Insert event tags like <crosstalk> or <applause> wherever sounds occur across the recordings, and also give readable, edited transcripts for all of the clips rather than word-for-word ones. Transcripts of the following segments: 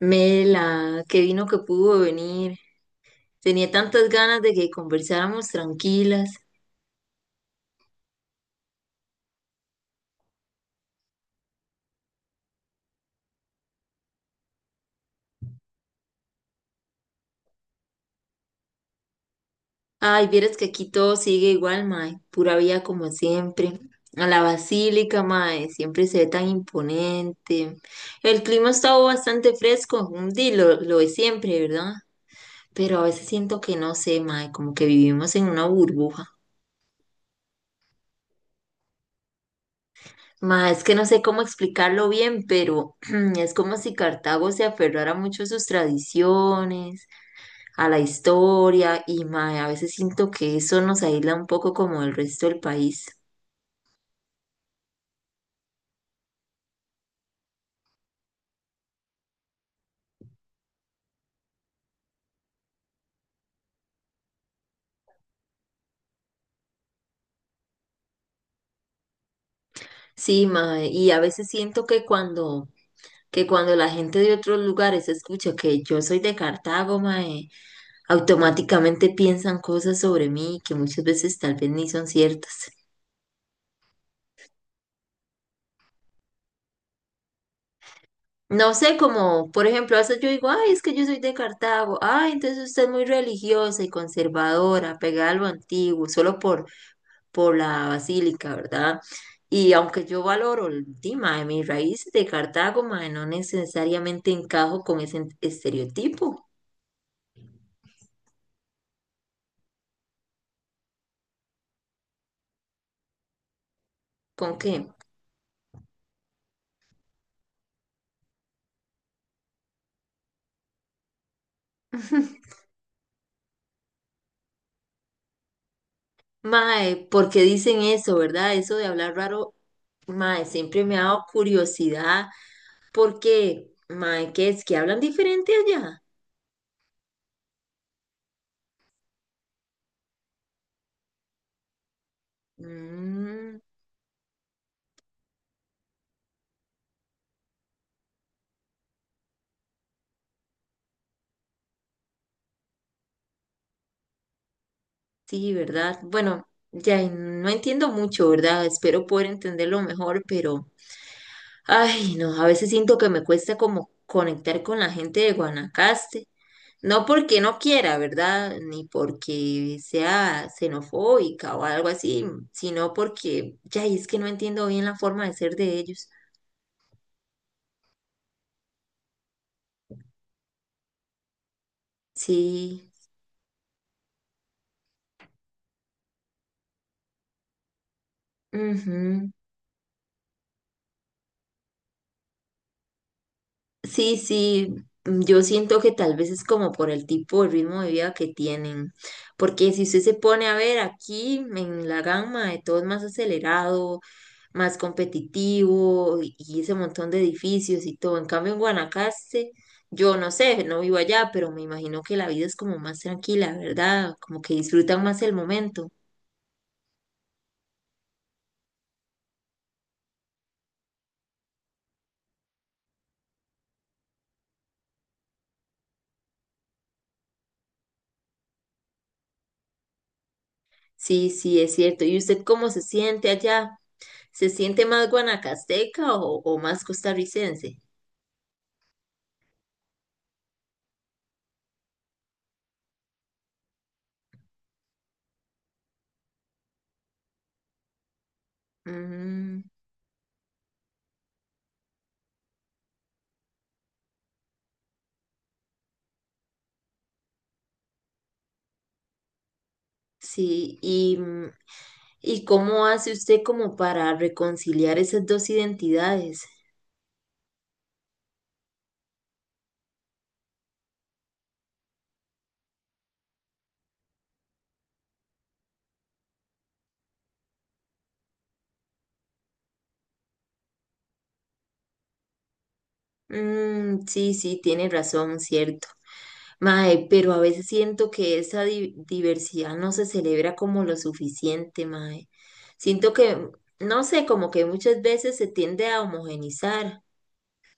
Mela, qué vino que pudo venir. Tenía tantas ganas de que conversáramos tranquilas. Ay, vieras que aquí todo sigue igual, mae. Pura vida como siempre. A la basílica, mae, siempre se ve tan imponente. El clima ha estado bastante fresco, un día lo de siempre, ¿verdad? Pero a veces siento que no sé, mae, como que vivimos en una burbuja. Mae, es que no sé cómo explicarlo bien, pero <clears throat> es como si Cartago se aferrara mucho a sus tradiciones, a la historia y mae, a veces siento que eso nos aísla un poco como el resto del país. Sí, mae, y a veces siento que cuando la gente de otros lugares escucha que yo soy de Cartago, mae, automáticamente piensan cosas sobre mí que muchas veces tal vez ni son ciertas. No sé, como por ejemplo, a veces yo digo, ay, es que yo soy de Cartago, ay, entonces usted es muy religiosa y conservadora, pegada a lo antiguo, solo por la basílica, ¿verdad? Y aunque yo valoro el tema de mis raíces de Cartago, mae, no necesariamente encajo con ese estereotipo. ¿Con qué? <laughs> Mae, porque dicen eso, ¿verdad? Eso de hablar raro, mae, siempre me ha dado curiosidad. ¿Por qué, Mae? ¿Qué es? ¿Que hablan diferente allá? Mm, sí, ¿verdad? Bueno, ya no entiendo mucho, ¿verdad? Espero poder entenderlo mejor, pero ay, no, a veces siento que me cuesta como conectar con la gente de Guanacaste. No porque no quiera, ¿verdad? Ni porque sea xenofóbica o algo así, sino porque ya y es que no entiendo bien la forma de ser de ellos. Sí, ujú. Sí, sí, yo siento que tal vez es como por el tipo de ritmo de vida que tienen. Porque si usted se pone a ver aquí en la gama, de todo es más acelerado, más competitivo y ese montón de edificios y todo. En cambio, en Guanacaste, yo no sé, no vivo allá, pero me imagino que la vida es como más tranquila, ¿verdad? Como que disfrutan más el momento. Sí, sí, es cierto. ¿Y usted cómo se siente allá? ¿Se siente más guanacasteca o más costarricense? Mm, sí, y, ¿y cómo hace usted como para reconciliar esas dos identidades? Mm, sí, sí, tiene razón, cierto. Mae, pero a veces siento que esa diversidad no se celebra como lo suficiente, mae. Siento que, no sé, como que muchas veces se tiende a homogenizar,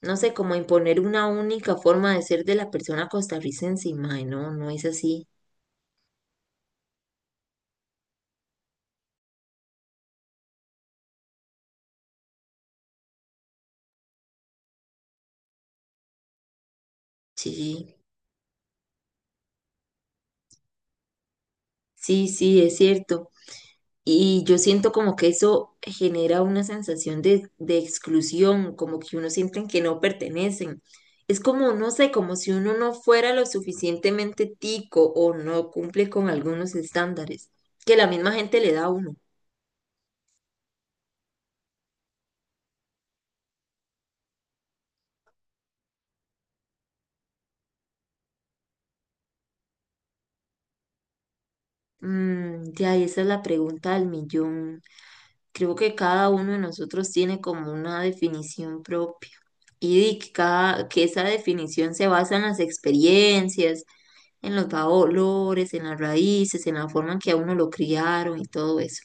no sé, como a imponer una única forma de ser de la persona costarricense, y mae, no, no es así. Sí, sí, sí, es cierto. Y yo siento como que eso genera una sensación de exclusión, como que uno sienten que no pertenecen. Es como, no sé, como si uno no fuera lo suficientemente tico o no cumple con algunos estándares que la misma gente le da a uno. Mm, ya, y esa es la pregunta del millón. Creo que cada uno de nosotros tiene como una definición propia y que esa definición se basa en las experiencias, en los valores, en las raíces, en la forma en que a uno lo criaron y todo eso.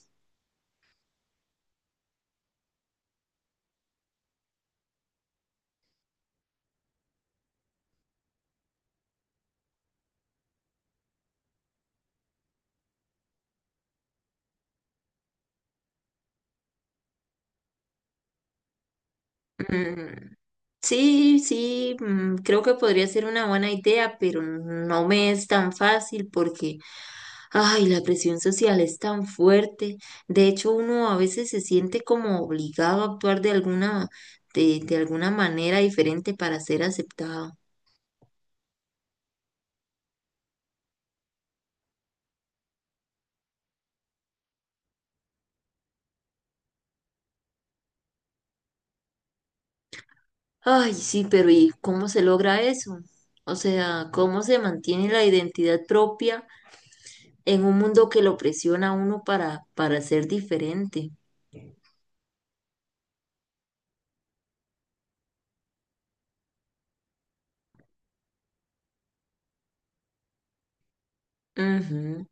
Mm. Sí, sí, mm, creo que podría ser una buena idea, pero no me es tan fácil porque, ay, la presión social es tan fuerte. De hecho, uno a veces se siente como obligado a actuar de alguna, de alguna manera diferente para ser aceptado. Ay, sí, pero ¿y cómo se logra eso? O sea, ¿cómo se mantiene la identidad propia en un mundo que lo presiona a uno para ser diferente? Ujú.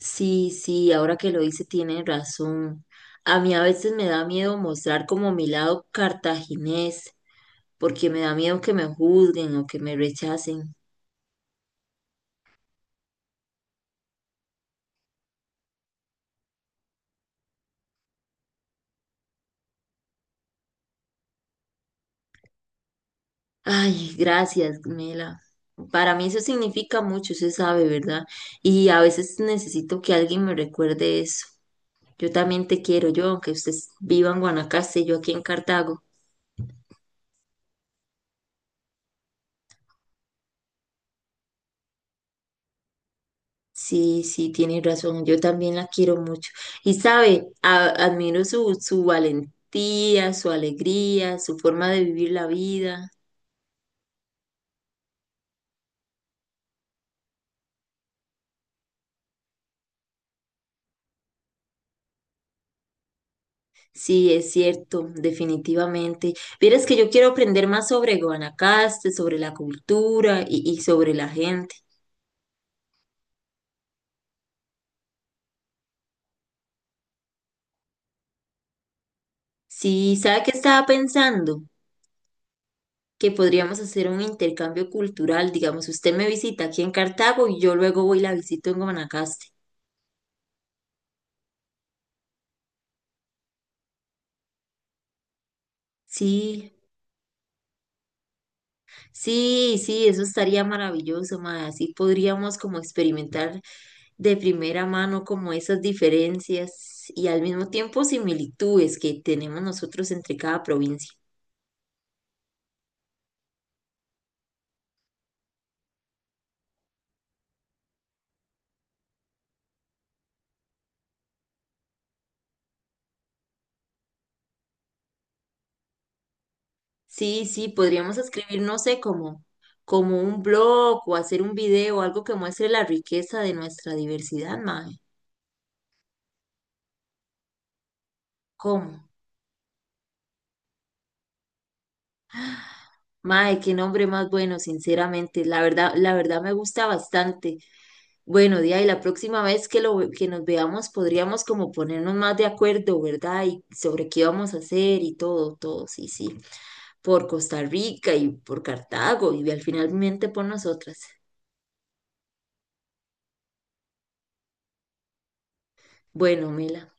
Sí, sí, ahora que lo dice tiene razón. A mí a veces me da miedo mostrar como mi lado cartaginés, porque me da miedo que me juzguen o que me rechacen. Ay, gracias, Mela. Para mí eso significa mucho, se sabe, ¿verdad? Y a veces necesito que alguien me recuerde eso. Yo también te quiero, yo, aunque ustedes vivan en Guanacaste, yo aquí en Cartago. Sí, sí, tienes razón. Yo también la quiero mucho. Y sabe, admiro su, su valentía, su alegría, su forma de vivir la vida. Sí, es cierto, definitivamente. Vieras que yo quiero aprender más sobre Guanacaste, sobre la cultura y sobre la gente. Sí, ¿sabe qué estaba pensando? Que podríamos hacer un intercambio cultural. Digamos, usted me visita aquí en Cartago y yo luego voy y la visito en Guanacaste. Sí. Sí, sí, eso estaría maravilloso, mae. Así podríamos como experimentar de primera mano como esas diferencias y al mismo tiempo similitudes que tenemos nosotros entre cada provincia. Sí, sí, podríamos escribir, no sé, como, como un blog o hacer un video, algo que muestre la riqueza de nuestra diversidad, mae. ¿Cómo? Mae, qué nombre más bueno, sinceramente. La verdad me gusta bastante. Bueno, Día, y la próxima vez que nos veamos podríamos como ponernos más de acuerdo, ¿verdad? Y sobre qué vamos a hacer y todo, todo, sí, sí. Por Costa Rica y por Cartago y al finalmente por nosotras. Bueno, Mela.